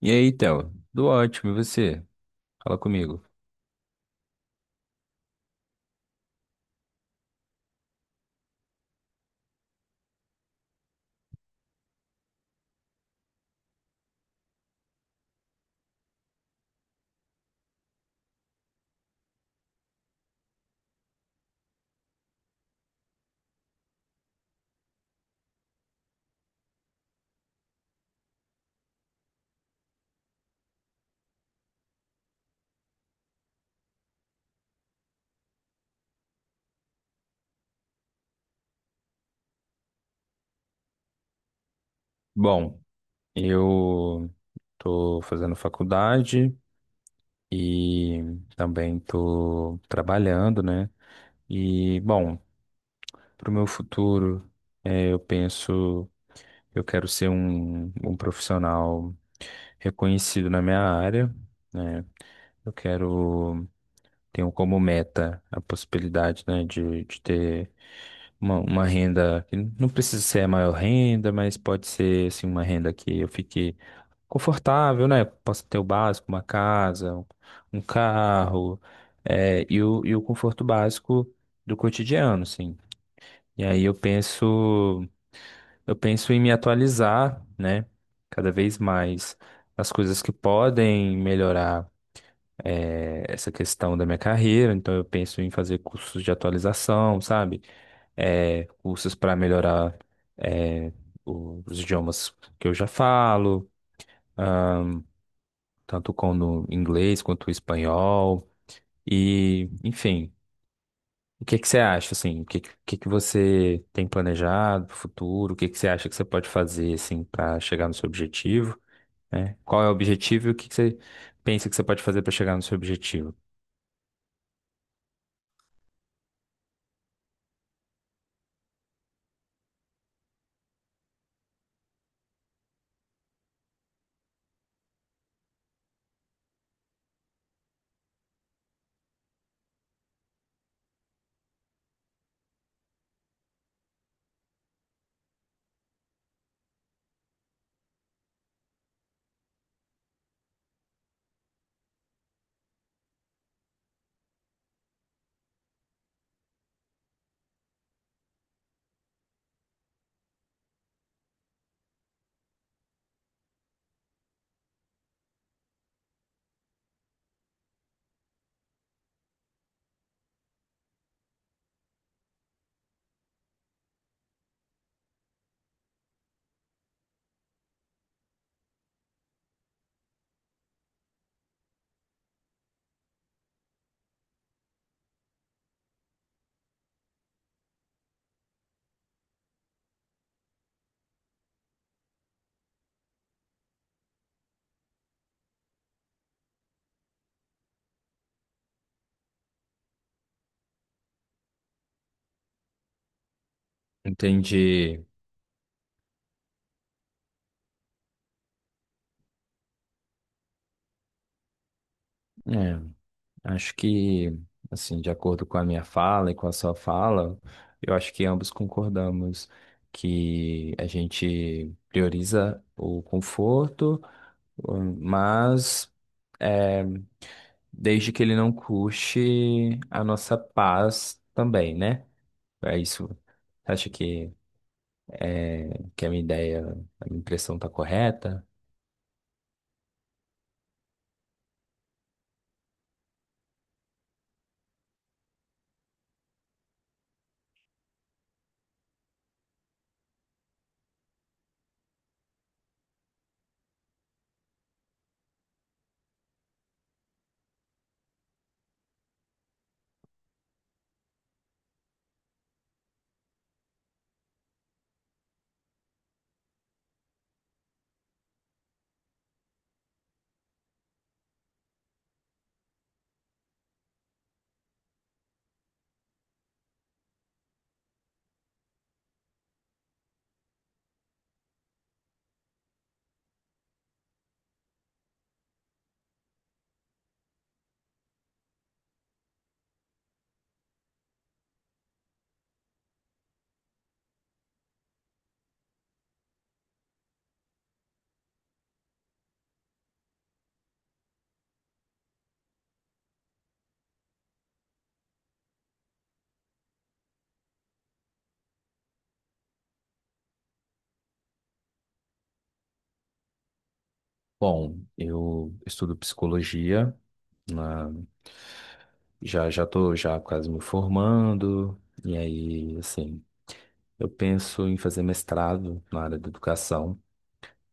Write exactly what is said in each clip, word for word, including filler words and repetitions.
E aí, Telo? Tudo ótimo, e você? Fala comigo. Bom, eu tô fazendo faculdade e também tô trabalhando, né? E bom, pro meu futuro, eh, eu penso, eu quero ser um, um profissional reconhecido na minha área, né? Eu quero, tenho como meta a possibilidade, né, de, de ter uma, uma renda que não precisa ser a maior renda, mas pode ser assim uma renda que eu fique confortável, né? Posso ter o básico, uma casa, um um carro, é, e o, e o conforto básico do cotidiano, assim. E aí eu penso, eu penso em me atualizar, né? Cada vez mais as coisas que podem melhorar. É, essa questão da minha carreira, então eu penso em fazer cursos de atualização, sabe? É, cursos para melhorar, é, o- os idiomas que eu já falo, ah, tanto como inglês quanto espanhol. E, enfim, o que que você acha, assim? O que, que que que você tem planejado para o futuro? O que que você acha que você pode fazer, assim, para chegar no seu objetivo? Né? Qual é o objetivo e o que que você pensa que você pode fazer para chegar no seu objetivo? Entendi. É, acho que, assim, de acordo com a minha fala e com a sua fala, eu acho que ambos concordamos que a gente prioriza o conforto, hum, mas é, desde que ele não custe a nossa paz também, né? É isso. Você acha que, que a minha ideia, a minha impressão está correta? Bom, eu estudo psicologia, na- já já tô já quase me formando, e aí, assim. Eu penso em fazer mestrado na área da educação,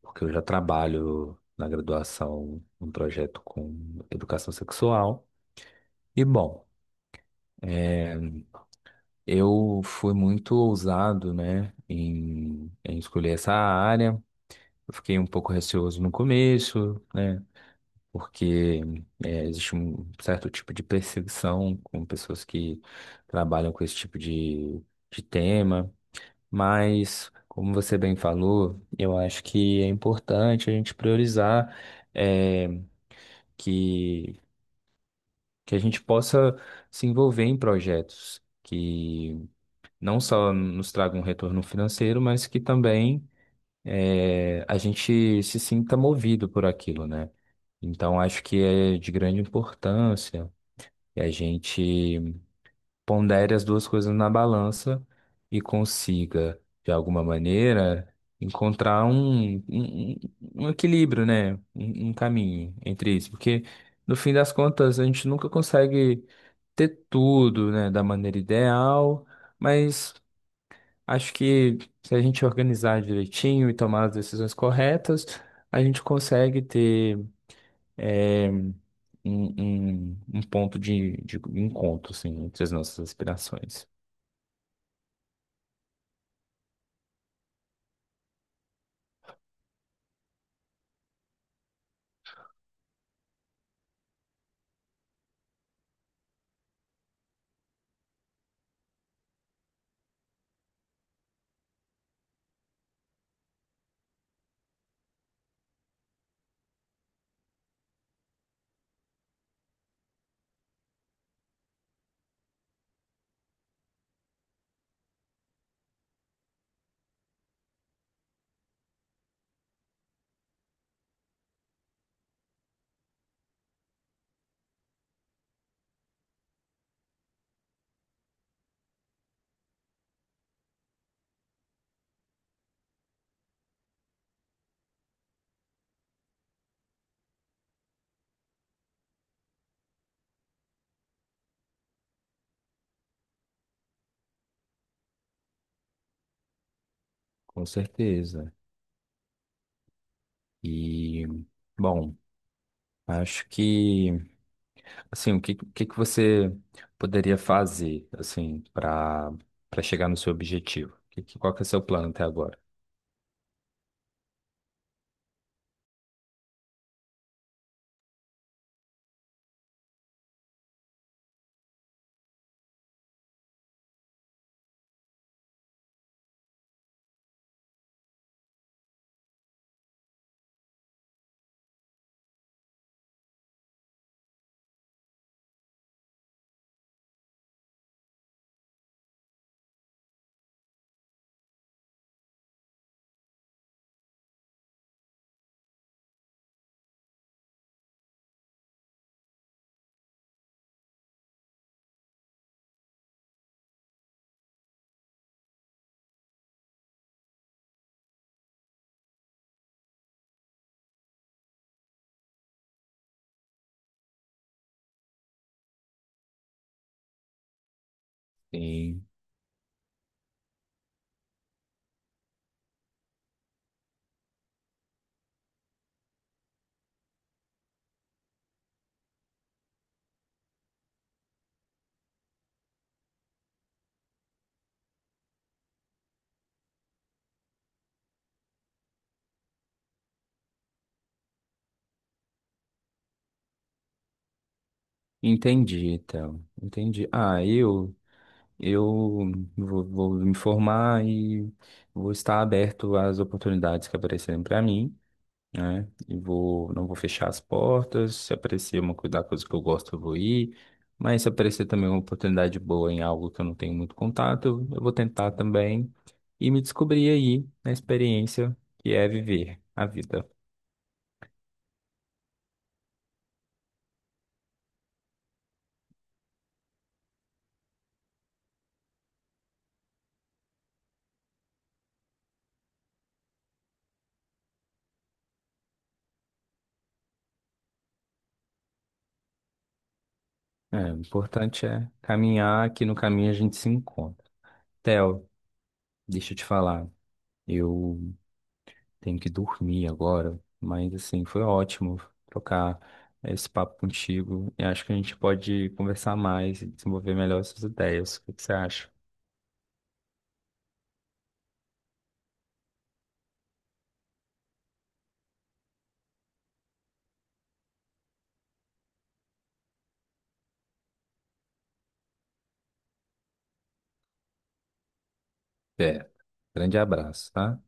porque eu já trabalho na graduação um projeto com educação sexual. E bom, é, eu fui muito ousado, né, em, em escolher essa área. Eu fiquei um pouco receoso no começo, né, porque é, existe um certo tipo de perseguição com pessoas que trabalham com esse tipo de, de tema. Mas, como você bem falou, eu acho que é importante a gente priorizar, eh, que, que a gente possa se envolver em projetos que não só nos tragam um retorno financeiro, mas que também, eh, a gente se sinta movido por aquilo, né? Então, acho que é de grande importância que a gente pondere as duas coisas na balança e consiga, de alguma maneira, encontrar um, um, um um equilíbrio, né? Um, um caminho entre isso. Porque, no fim das contas, a gente nunca consegue ter tudo, né, da maneira ideal, mas acho que se a gente organizar direitinho e tomar as decisões corretas, a gente consegue ter, eh, um, um, um ponto de, de encontro, assim, entre as nossas aspirações. Com certeza. E, bom, acho que, assim, o que, o que que você poderia fazer, assim, para para chegar no seu objetivo? Que, que- qual que é o seu plano até agora? Sim. Entendi, então. Entendi. Ah, eu, eu vou, vou me formar e vou estar aberto às oportunidades que aparecerem para mim. Né? E vou, não vou fechar as portas. Se aparecer uma coisa da coisa que eu gosto, eu vou ir. Mas se aparecer também uma oportunidade boa em algo que eu não tenho muito contato, eu vou tentar também e me descobrir aí na experiência que é viver a vida. É, o importante é caminhar, que no caminho a gente se encontra. Theo, deixa eu te falar. Eu tenho que dormir agora, mas assim, foi ótimo trocar esse papo contigo. E acho que a gente pode conversar mais e desenvolver melhor essas ideias. O que que você acha? É. Grande abraço, tá?